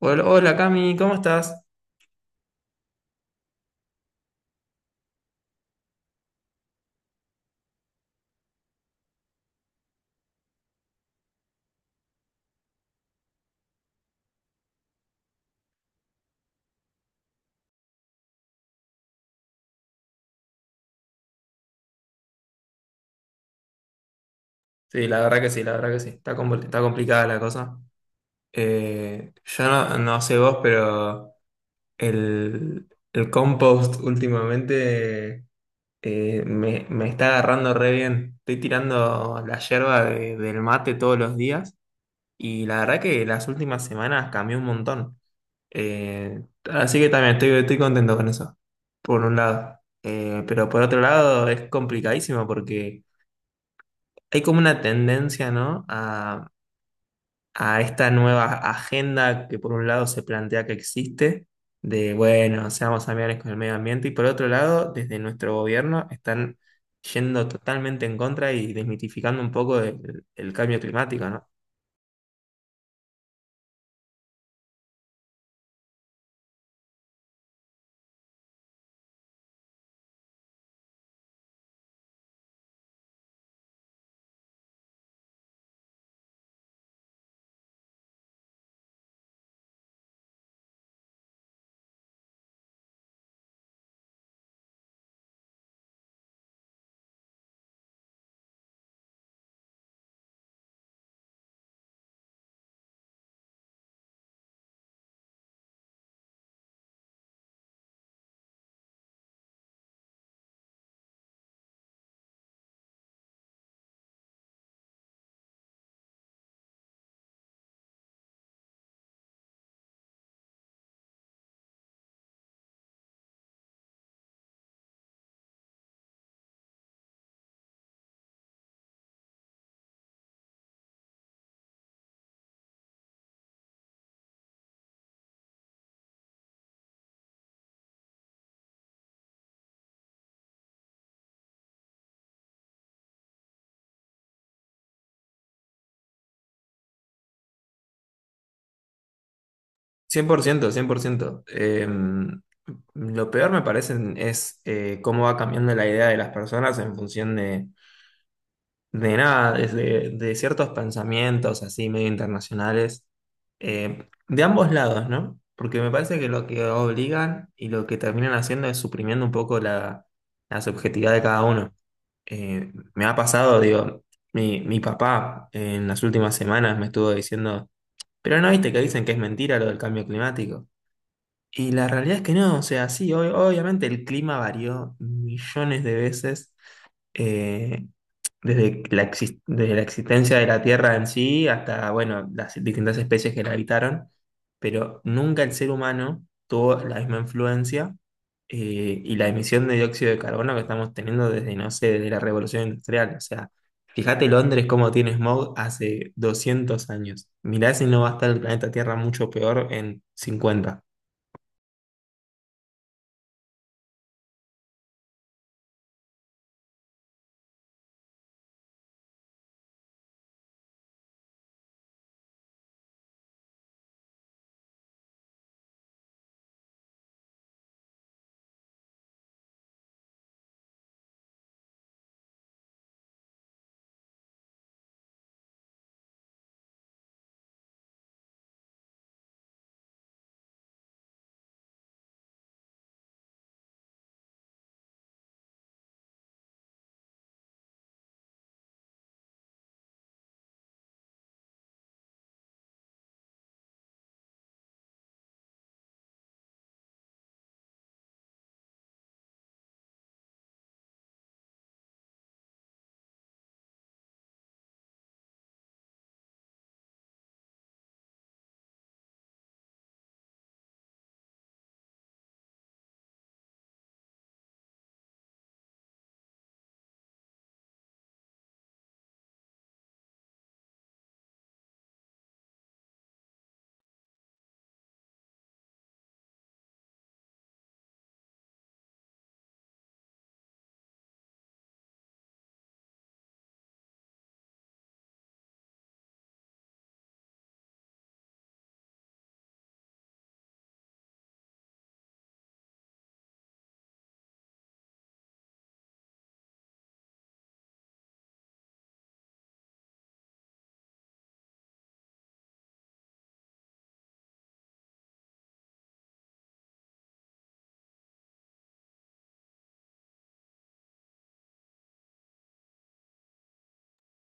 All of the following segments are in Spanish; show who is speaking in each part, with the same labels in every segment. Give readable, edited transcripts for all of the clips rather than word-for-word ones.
Speaker 1: Hola, hola, Cami, ¿cómo estás? Sí, la verdad que sí, la verdad que sí. Está, está complicada la cosa. Yo no sé vos, pero el, el compost últimamente me está agarrando re bien. Estoy tirando la yerba del mate todos los días y la verdad que las últimas semanas cambió un montón. Eh, Así que también estoy contento con eso, por un lado. Pero por otro lado es complicadísimo porque hay como una tendencia, ¿no? A esta nueva agenda que por un lado se plantea que existe, de, bueno, seamos amigables con el medio ambiente, y por otro lado, desde nuestro gobierno están yendo totalmente en contra y desmitificando un poco el cambio climático, ¿no? 100%, 100%. Lo peor me parece es cómo va cambiando la idea de las personas en función de nada, desde, de ciertos pensamientos así medio internacionales, de ambos lados, ¿no? Porque me parece que lo que obligan y lo que terminan haciendo es suprimiendo un poco la subjetividad de cada uno. Me ha pasado, digo, mi papá en las últimas semanas me estuvo diciendo, pero no viste que dicen que es mentira lo del cambio climático. Y la realidad es que no, o sea, sí, obviamente el clima varió millones de veces. Eh, Desde la existencia de la Tierra en sí hasta, bueno, las distintas especies que la habitaron, pero nunca el ser humano tuvo la misma influencia y la emisión de dióxido de carbono que estamos teniendo desde, no sé, desde la Revolución Industrial. O sea, fíjate Londres cómo tiene smog hace 200 años. Mirá si no va a estar el planeta Tierra mucho peor en 50.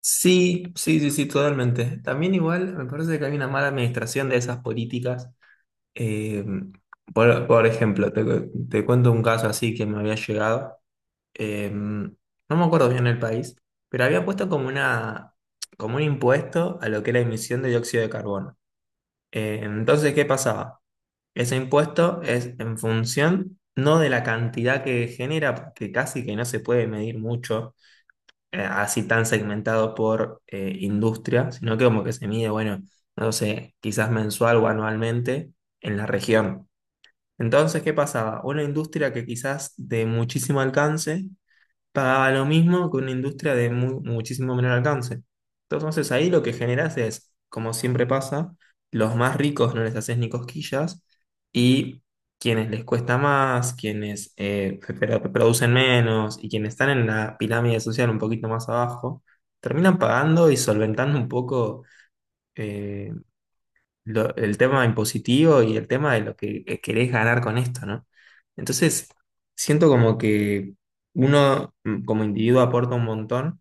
Speaker 1: Sí, sí, sí, sí, totalmente. También igual me parece que hay una mala administración de esas políticas. Eh, por ejemplo, te cuento un caso así que me había llegado. No me acuerdo bien el país, pero había puesto como un impuesto a lo que era emisión de dióxido de carbono. Entonces, ¿qué pasaba? Ese impuesto es en función no de la cantidad que genera, porque casi que no se puede medir mucho, así tan segmentado por industria, sino que como que se mide, bueno, no sé, quizás mensual o anualmente en la región. Entonces, ¿qué pasaba? Una industria que quizás de muchísimo alcance pagaba lo mismo que una industria de muchísimo menor alcance. Entonces, ahí lo que generas es, como siempre pasa, los más ricos no les haces ni cosquillas y quienes les cuesta más, quienes producen menos y quienes están en la pirámide social un poquito más abajo, terminan pagando y solventando un poco eh, el tema impositivo y el tema de lo que querés ganar con esto, ¿no? Entonces, siento como que uno, como individuo, aporta un montón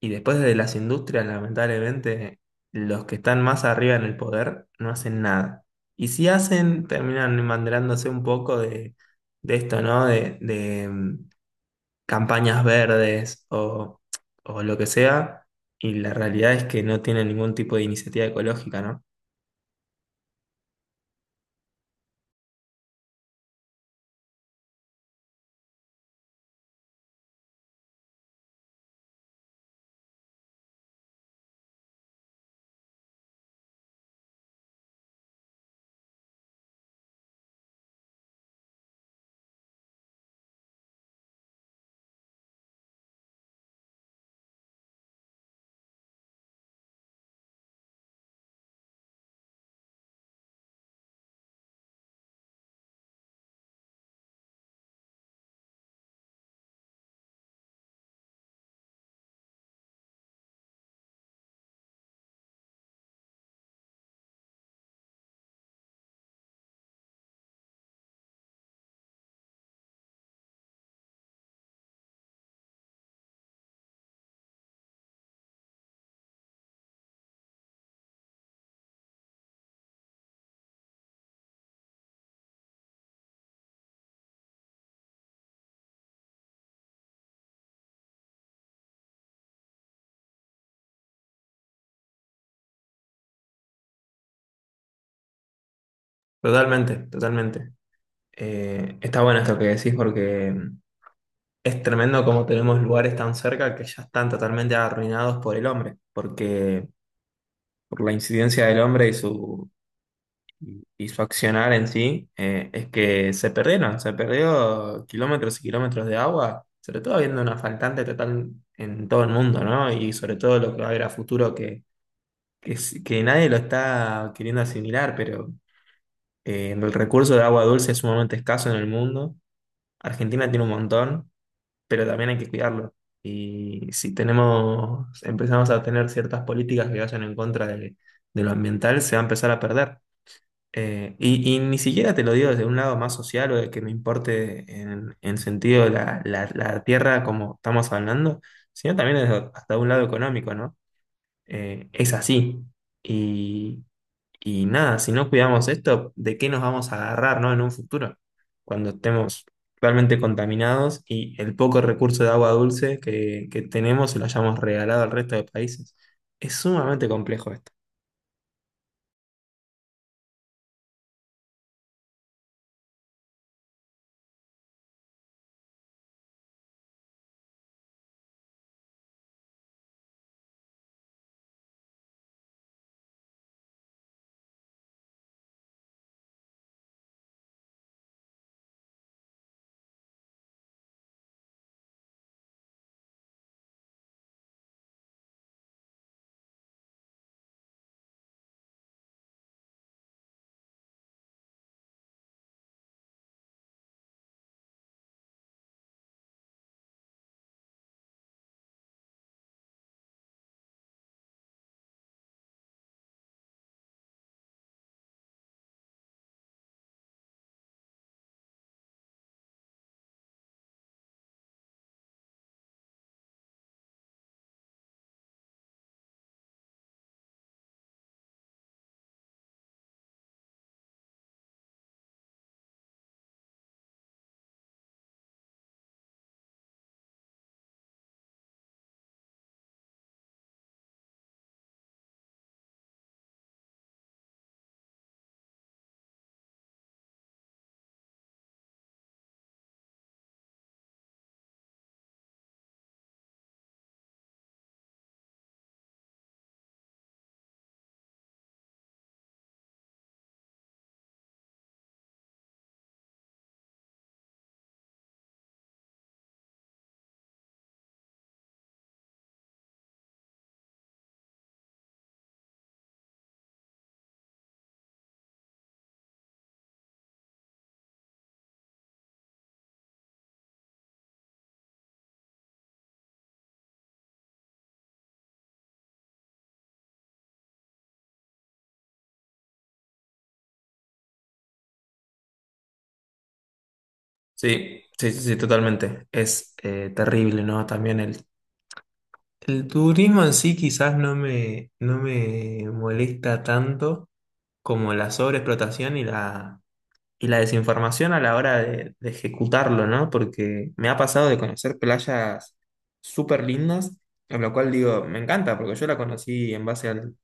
Speaker 1: y después desde las industrias, lamentablemente, los que están más arriba en el poder no hacen nada. Y si hacen, terminan embanderándose un poco de esto, ¿no? Campañas verdes o lo que sea. Y la realidad es que no tienen ningún tipo de iniciativa ecológica, ¿no? Totalmente, totalmente. Está bueno esto que decís porque, es tremendo como tenemos lugares tan cerca que ya están totalmente arruinados por el hombre, porque por la incidencia del hombre y y su accionar en sí. Es que se perdieron, se perdió kilómetros y kilómetros de agua, sobre todo habiendo una faltante total en todo el mundo, ¿no? Y sobre todo lo que va a haber a futuro que nadie lo está queriendo asimilar, pero el recurso de agua dulce es sumamente escaso en el mundo. Argentina tiene un montón, pero también hay que cuidarlo. Y si tenemos, empezamos a tener ciertas políticas que vayan en contra de lo ambiental, se va a empezar a perder. Y ni siquiera te lo digo desde un lado más social o de que me importe en sentido de la tierra como estamos hablando, sino también desde hasta un lado económico, ¿no? Es así. Y, y nada, si no cuidamos esto, ¿de qué nos vamos a agarrar, ¿no? en un futuro? Cuando estemos realmente contaminados y el poco recurso de agua dulce que tenemos se lo hayamos regalado al resto de países. Es sumamente complejo esto. Sí, sí, sí, sí, totalmente. Es terrible, ¿no? También el turismo en sí quizás no me molesta tanto como la sobreexplotación y la desinformación a la hora de ejecutarlo, ¿no? Porque me ha pasado de conocer playas súper lindas, en lo cual digo, me encanta, porque yo la conocí en base al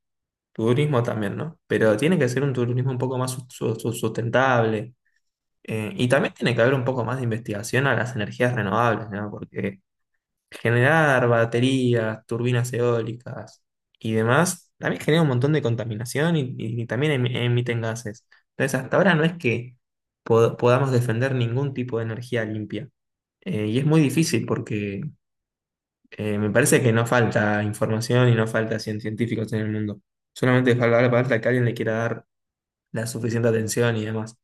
Speaker 1: turismo también, ¿no? Pero tiene que ser un turismo un poco más sustentable. Y también tiene que haber un poco más de investigación a las energías renovables, ¿no? Porque generar baterías, turbinas eólicas y demás, también genera un montón de contaminación y también emiten gases. Entonces, hasta ahora no es que podamos defender ningún tipo de energía limpia. Y es muy difícil porque me parece que no falta información y no falta científicos en el mundo. Solamente falta que alguien le quiera dar la suficiente atención y demás.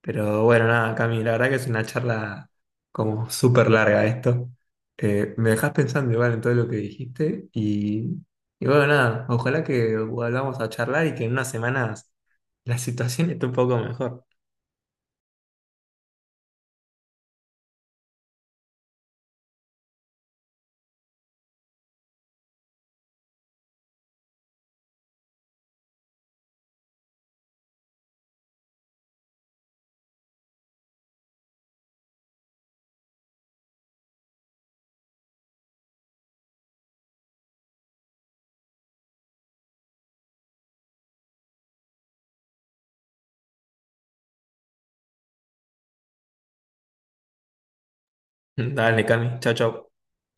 Speaker 1: Pero bueno, nada, Cami, la verdad que es una charla como súper larga esto. Me dejás pensando igual en todo lo que dijiste y bueno, nada, ojalá que volvamos a charlar y que en unas semanas la situación esté un poco mejor. Dale, Cami, chao, chao.